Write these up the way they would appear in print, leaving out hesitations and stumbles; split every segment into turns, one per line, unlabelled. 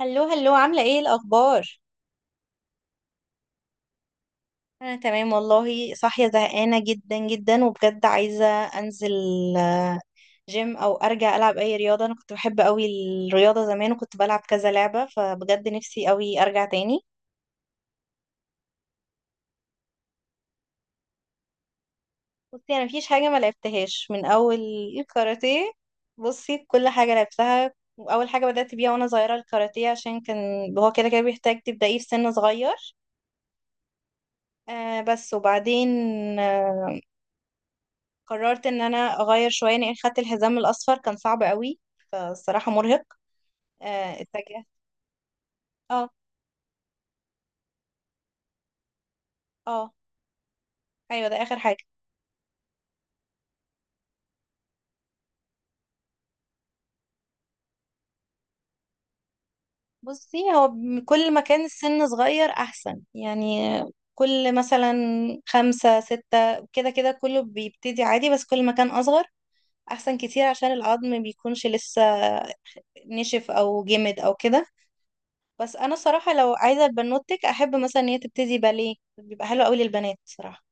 هلو هلو، عاملة ايه الأخبار؟ أنا تمام والله، صاحية زهقانة جدا جدا وبجد عايزة أنزل جيم أو أرجع ألعب أي رياضة. أنا كنت بحب أوي الرياضة زمان وكنت بلعب كذا لعبة، فبجد نفسي أوي أرجع تاني. بصي، أنا مفيش حاجة ما لعبتهاش من أول، الكاراتيه. بصي، كل حاجة لعبتها. وأول حاجة بدأت بيها وأنا صغيرة الكاراتيه، عشان كان هو كده كده بيحتاج تبدأيه في سن صغير. آه بس وبعدين، آه، قررت ان انا اغير شويه لان خدت الحزام الاصفر كان صعب قوي، فالصراحه مرهق. اتجه. اه، اه، ايوه، ده اخر حاجه. بصي، هو كل ما كان السن صغير احسن يعني. كل مثلا خمسة ستة كده كده، كله بيبتدي عادي، بس كل ما كان اصغر احسن كتير عشان العظم بيكونش لسه نشف او جمد او كده. بس انا صراحه لو عايزه بنوتك، احب مثلا ان هي تبتدي باليه، بيبقى حلو قوي للبنات صراحه.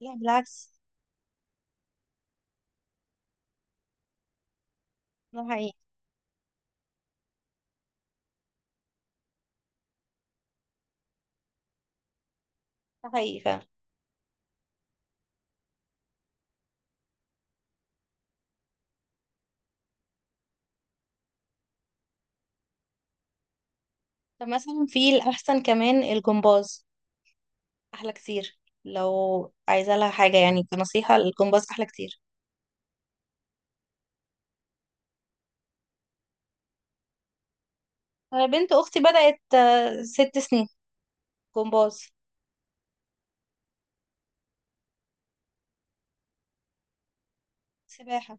لا، بالعكس. ده حقيقي. ده حقيقي فعلا. طب مثلا في الأحسن كمان الجمباز، أحلى كتير. لو عايزة لها حاجة، يعني كنصيحة الجمباز أحلى كتير. أنا بنت أختي بدأت 6 سنين جمباز. سباحة.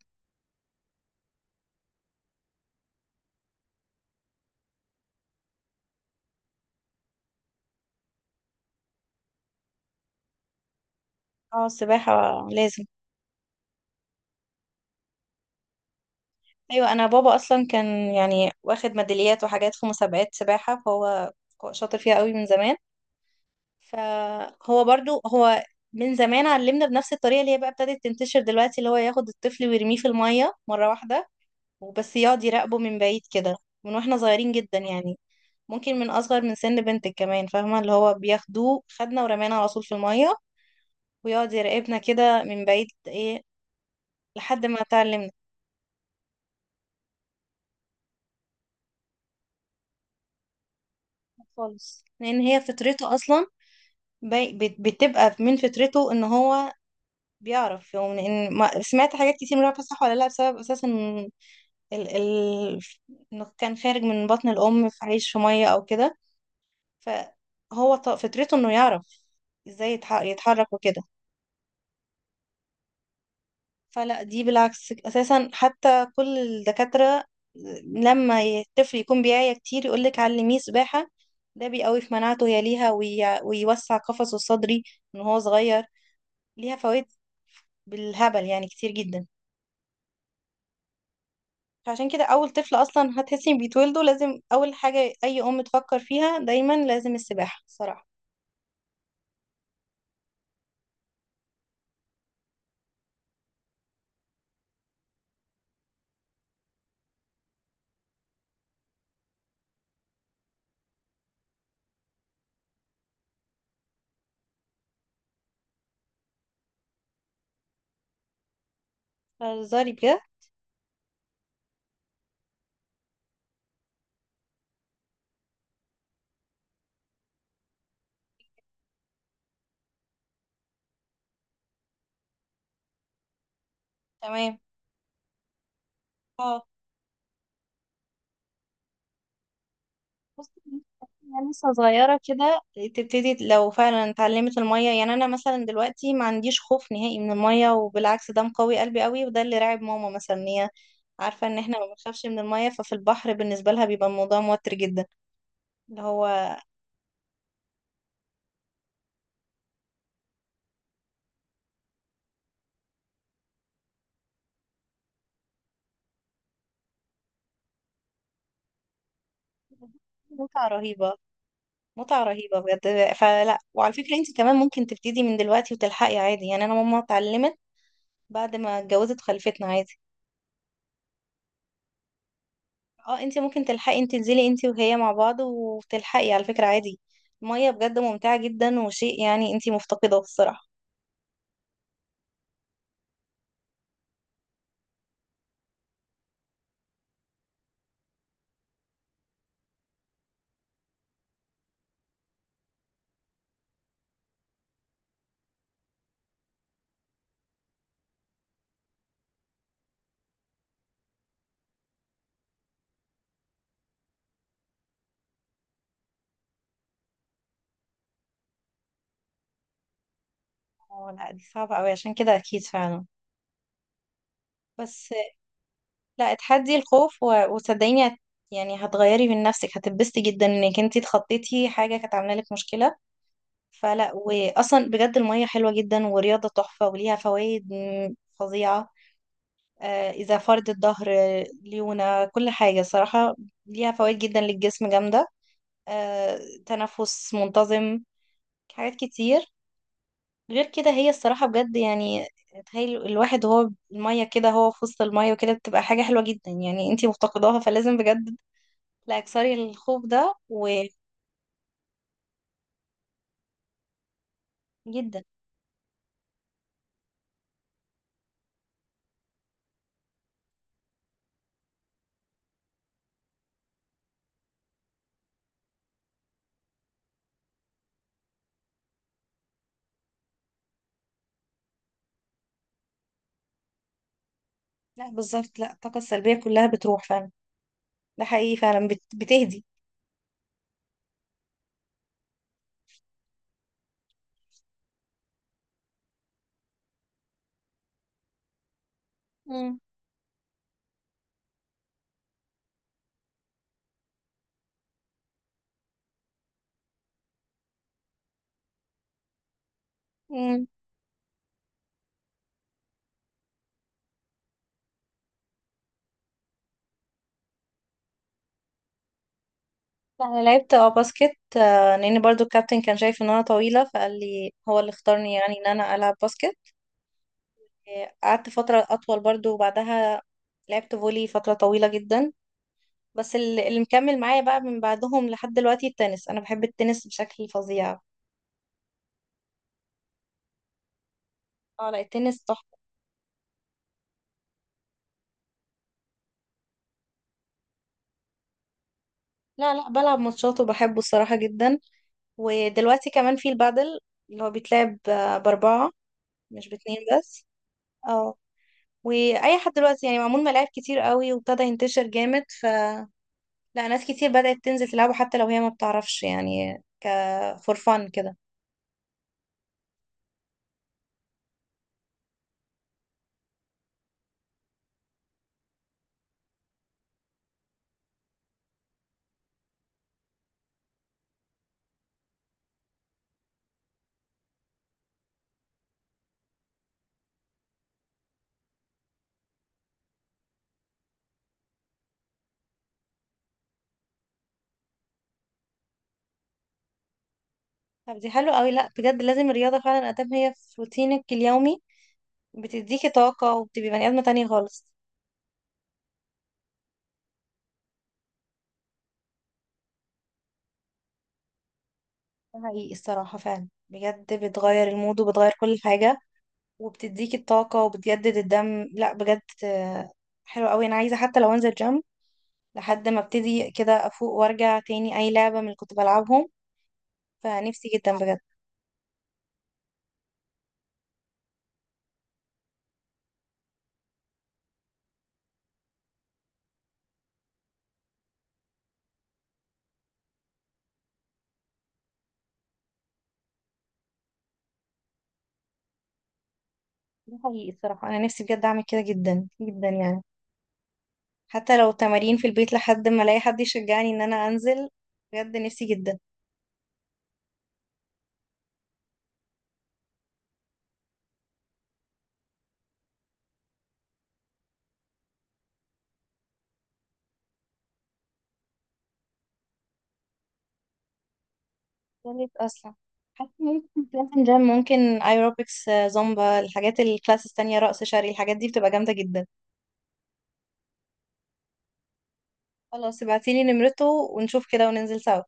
اه، السباحة لازم. أيوة، أنا بابا أصلا كان يعني واخد ميداليات وحاجات في مسابقات سباحة، فهو شاطر فيها قوي من زمان. فهو برضو هو من زمان علمنا بنفس الطريقة اللي هي بقى ابتدت تنتشر دلوقتي، اللي هو ياخد الطفل ويرميه في المية مرة واحدة وبس، يقعد يراقبه من بعيد كده، من واحنا صغيرين جدا يعني. ممكن من اصغر من سن بنتك كمان، فاهمه؟ اللي هو بياخدوه، خدنا ورمانا على طول في الميه، ويقعد يراقبنا كده من بعيد ايه لحد ما اتعلمنا. خالص، لان هي فطرته اصلا. بتبقى من فطرته ان هو بيعرف يعني. ان ما سمعت حاجات كتير، مش عارفه صح ولا لا، بسبب اساسا ال... ال... انه كان خارج من بطن الام، في عيش في ميه او كده. فهو فطرته انه يعرف ازاي يتحرك وكده. فلا، دي بالعكس اساسا. حتى كل الدكاترة لما الطفل يكون بيعيا كتير يقولك علميه سباحة، ده بيقوي في مناعته هي، ليها ويوسع قفصه الصدري من هو صغير. ليها فوائد بالهبل يعني، كتير جدا. فعشان كده اول طفل اصلا هتحسي إن بيتولده، لازم اول حاجة اي ام تفكر فيها دايما لازم السباحة صراحة. هزاري بجد. تمام. اه. بصي، يعني لسه صغيرة كده، تبتدي لو فعلا اتعلمت المية. يعني أنا مثلا دلوقتي ما عنديش خوف نهائي من المية، وبالعكس ده مقوي قلبي قوي، وده اللي راعب ماما مثلا، إن هي عارفة إن إحنا ما بنخافش من المية، ففي البحر بالنسبة لها بيبقى الموضوع موتر جدا. اللي هو متعة رهيبة. متعة رهيبة بجد. فلا، وعلى فكرة انت كمان ممكن تبتدي من دلوقتي وتلحقي عادي. يعني انا ماما اتعلمت بعد ما اتجوزت، خلفتنا عادي. اه، انت ممكن تلحقي، انت تنزلي انت وهي مع بعض وتلحقي على فكرة عادي. المية بجد ممتعة جدا، وشيء يعني انت مفتقدة الصراحة. اه، لا، دي صعبة قوي عشان كده اكيد فعلا. بس لا، اتحدي الخوف وصدقيني يعني هتغيري من نفسك، هتتبسطي جدا انك انت اتخطيتي حاجة كانت عاملة لك مشكلة. فلا، واصلا بجد المية حلوة جدا ورياضة تحفة وليها فوائد فظيعة. اذا فرد الظهر، ليونة، كل حاجة صراحة. ليها فوائد جدا للجسم جامدة. آه، تنفس منتظم. حاجات كتير. غير كده هي الصراحة بجد يعني، تخيل الواحد هو المية كده، هو في وسط المية وكده، بتبقى حاجة حلوة جدا. يعني انتي مفتقداها، فلازم بجد، لا اكسري الخوف ده. وجدا. لا، بالظبط. لا، الطاقة السلبية كلها بتروح فعلا. ده حقيقي فعلا، بتهدي. مم. مم. لا، انا لعبت باسكت، لان برضو الكابتن كان شايف ان انا طويلة، فقال لي، هو اللي اختارني يعني ان انا العب باسكت. قعدت فترة أطول برضو، وبعدها لعبت فولي فترة طويلة جدا. بس اللي مكمل معايا بقى من بعدهم لحد دلوقتي التنس، أنا بحب التنس بشكل فظيع. اه لا، التنس تحفة. لا لا، بلعب ماتشات وبحبه الصراحة جدا. ودلوقتي كمان في البادل، اللي هو بيتلعب بأربعة، مش باتنين بس. اه. وأي حد دلوقتي يعني، معمول ملاعب كتير قوي وابتدى ينتشر جامد. فلا، ناس كتير بدأت تنزل تلعبه حتى لو هي ما بتعرفش، يعني فور فن كده. طب دي حلوة قوي. لا بجد، لازم الرياضة فعلا ادام هي في روتينك اليومي، بتديكي طاقة وبتبقي بني ادمة تانية خالص. ده حقيقي الصراحة فعلا، بجد بتغير المود وبتغير كل حاجة، وبتديكي الطاقة وبتجدد الدم. لا بجد، حلوة قوي. انا عايزة حتى لو انزل جيم لحد ما ابتدي كده افوق، وارجع تاني اي لعبة من اللي كنت بلعبهم. فنفسي جدا بجد. ده حقيقي الصراحة، انا نفسي بجد اعمل كده جدا جدا يعني، حتى لو تمارين في البيت لحد ما الاقي حد يشجعني ان انا انزل. بجد نفسي جدا. جامد اصلا. حاسه ان أنا كنت بروح جيم، ممكن ايروبكس، زومبا، الحاجات الكلاسز التانية، رقص شرقي، الحاجات دي بتبقى جامده جدا. خلاص، ابعتيلي نمرته ونشوف كده وننزل سوا.